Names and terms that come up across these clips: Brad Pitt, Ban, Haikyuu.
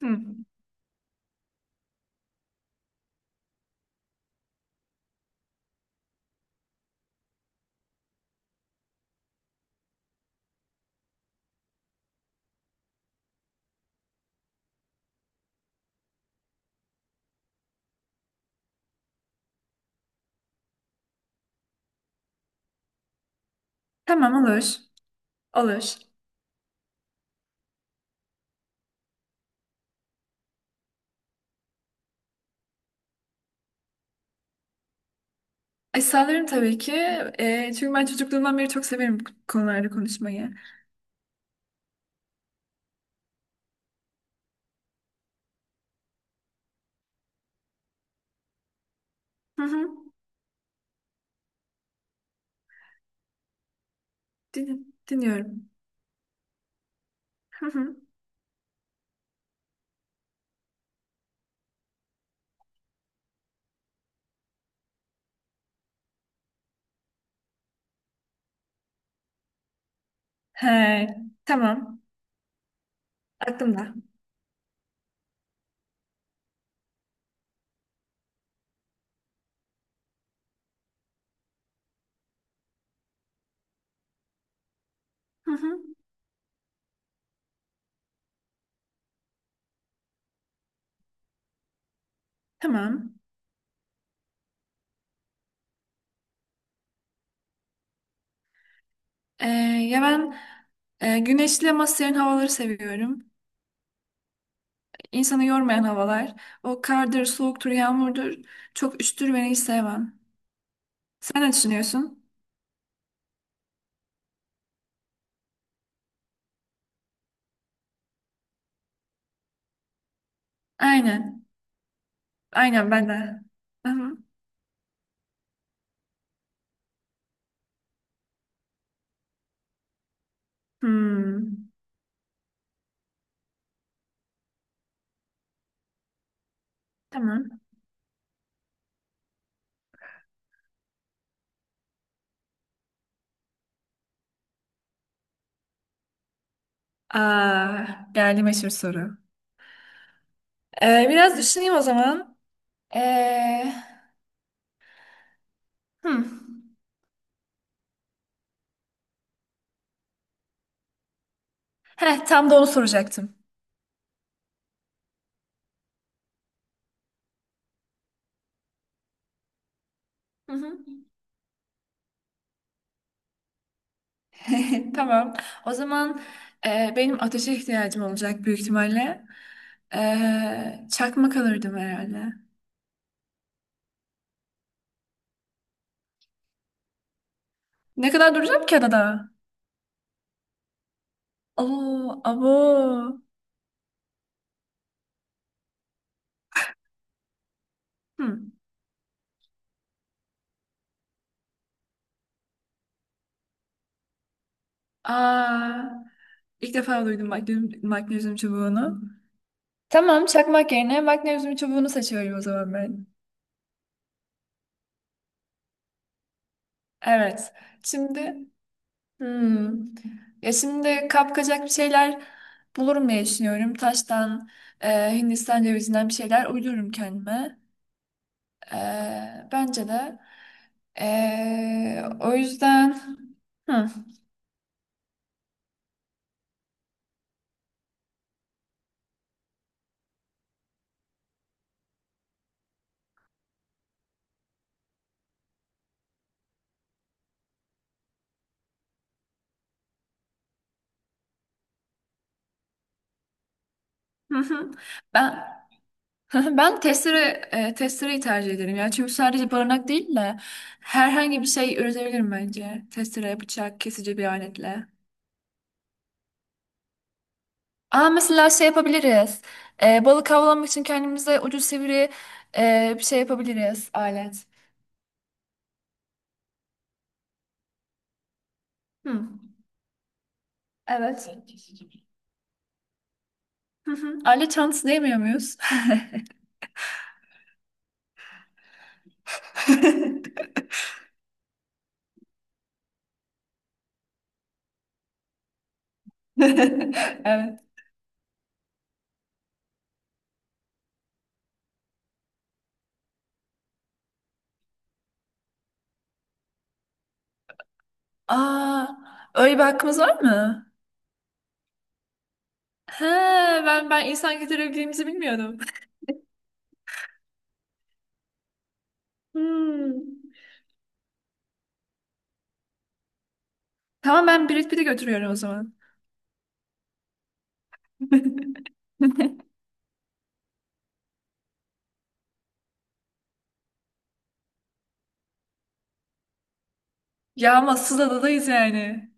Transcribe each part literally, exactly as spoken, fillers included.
Hı. Tamam olur. Olur. E, sağlarım tabii ki. E, çünkü ben çocukluğumdan beri çok severim bu konularda konuşmayı. Hı hı. Din- dinliyorum. Hı hı. He, tamam. Aklımda. Hı hı. Tamam. E, ya ben e, güneşli ama serin havaları seviyorum. İnsanı yormayan havalar. O kardır, soğuktur, yağmurdur. Çok üşütür beni, hiç sevmem. Sen ne düşünüyorsun? Aynen. Aynen ben de. Hı hı. Hmm. Tamam. Aa, geldi meşhur soru. Ee, biraz düşüneyim o zaman. Ee, hmm. Heh, tam da onu soracaktım. Hı hı. Tamam. O zaman e, benim ateşe ihtiyacım olacak büyük ihtimalle. Ee, çakmak alırdım herhalde. Ne kadar duracağım ki adada? Oo, abo. Hmm. Aa, ilk defa duydum magnezyum, magnezyum çubuğunu. Tamam, çakmak yerine magnezyum çubuğunu seçiyorum o zaman ben. Evet. Şimdi Hmm. Ya şimdi kapkacak bir şeyler bulurum diye düşünüyorum. Taştan, e, Hindistan cevizinden bir şeyler uydururum kendime. E, bence de. E, o yüzden. Hı. Hı hı. Ben ben testere e, testereyi tercih ederim ya. Çünkü sadece barınak değil de herhangi bir şey üretebilirim bence. Testere, bıçak, kesici bir aletle. Aa, mesela şey yapabiliriz. Ee, balık avlanmak için kendimize ucu sivri e, bir şey yapabiliriz. Alet. Hı, evet. Hı hı. Alet çantası diyemiyor muyuz? Evet. Aa, öyle bir hakkımız var mı? He, ben ben insan getirebildiğimizi bilmiyordum. Hmm. Tamam, ben Brad Pitt'i götürüyorum o zaman. Ya massız adadayız yani.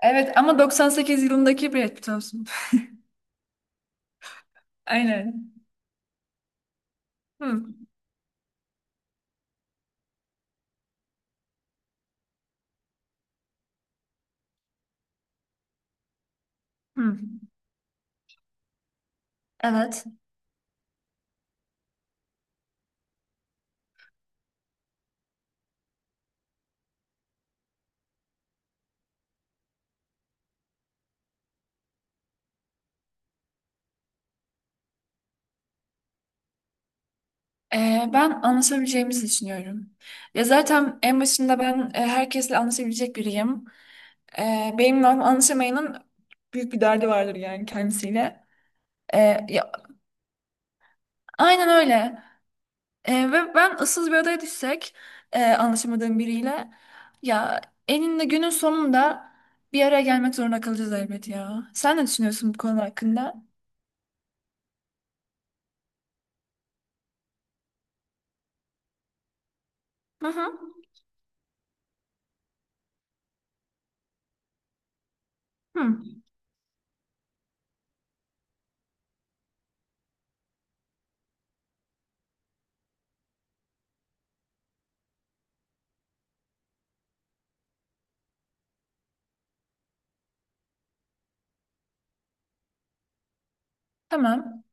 Evet ama doksan sekiz yılındaki Brad Pitt olsun. Aynen. Hı. Hı. Evet. Ee, ben anlaşabileceğimizi düşünüyorum. Ya zaten en başında ben e, herkesle anlaşabilecek biriyim. Ee, benimle anlaşamayanın büyük bir derdi vardır yani kendisiyle. Ee, ya, aynen öyle. Ee, ve ben ıssız bir adaya düşsek e, anlaşamadığım biriyle, ya eninde günün sonunda bir araya gelmek zorunda kalacağız elbet ya. Sen ne düşünüyorsun bu konu hakkında? Hı hı. Hı. Tamam.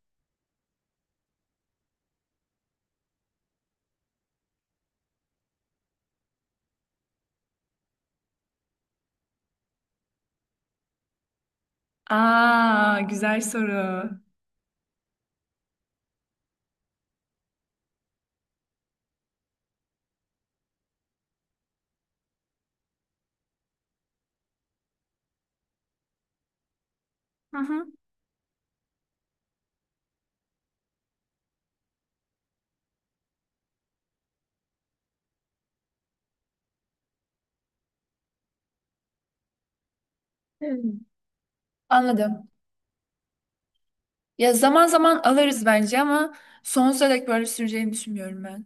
Aa, güzel soru. Hı hı. Hmm. Anladım. Ya zaman zaman alırız bence ama sonsuza dek böyle süreceğini düşünmüyorum ben.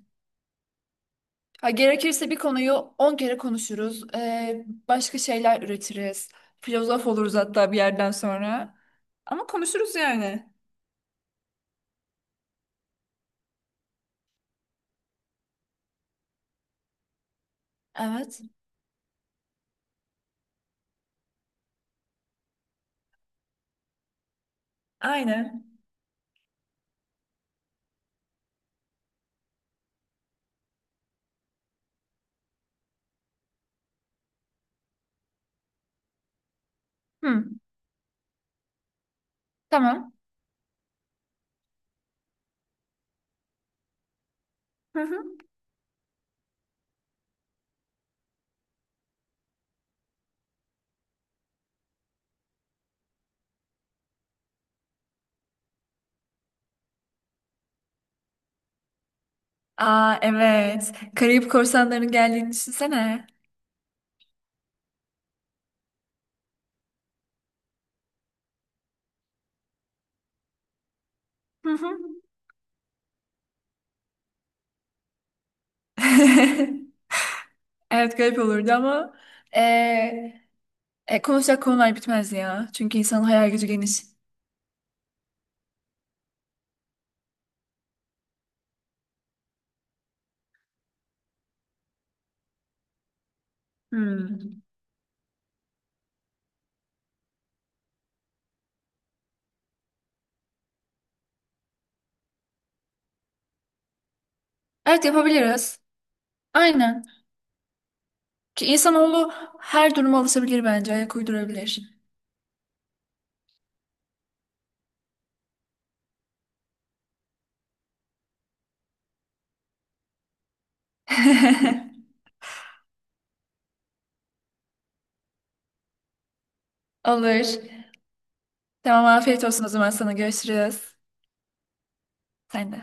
Ha, gerekirse bir konuyu on kere konuşuruz. Ee, başka şeyler üretiriz. Filozof oluruz hatta bir yerden sonra. Ama konuşuruz yani. Evet. Aynen. Hı, tamam. Hı hı. Aa, evet. Karayip korsanlarının geldiğini düşünsene. Hı hı. Evet, garip olurdu ama ee, e, konuşacak konular bitmez ya. Çünkü insanın hayal gücü geniş. Hmm. Evet, yapabiliriz. Aynen. Ki insanoğlu her duruma alışabilir bence. Ayak uydurabilir. Olur. Tamam, afiyet olsun o zaman sana. Görüşürüz. Sen de.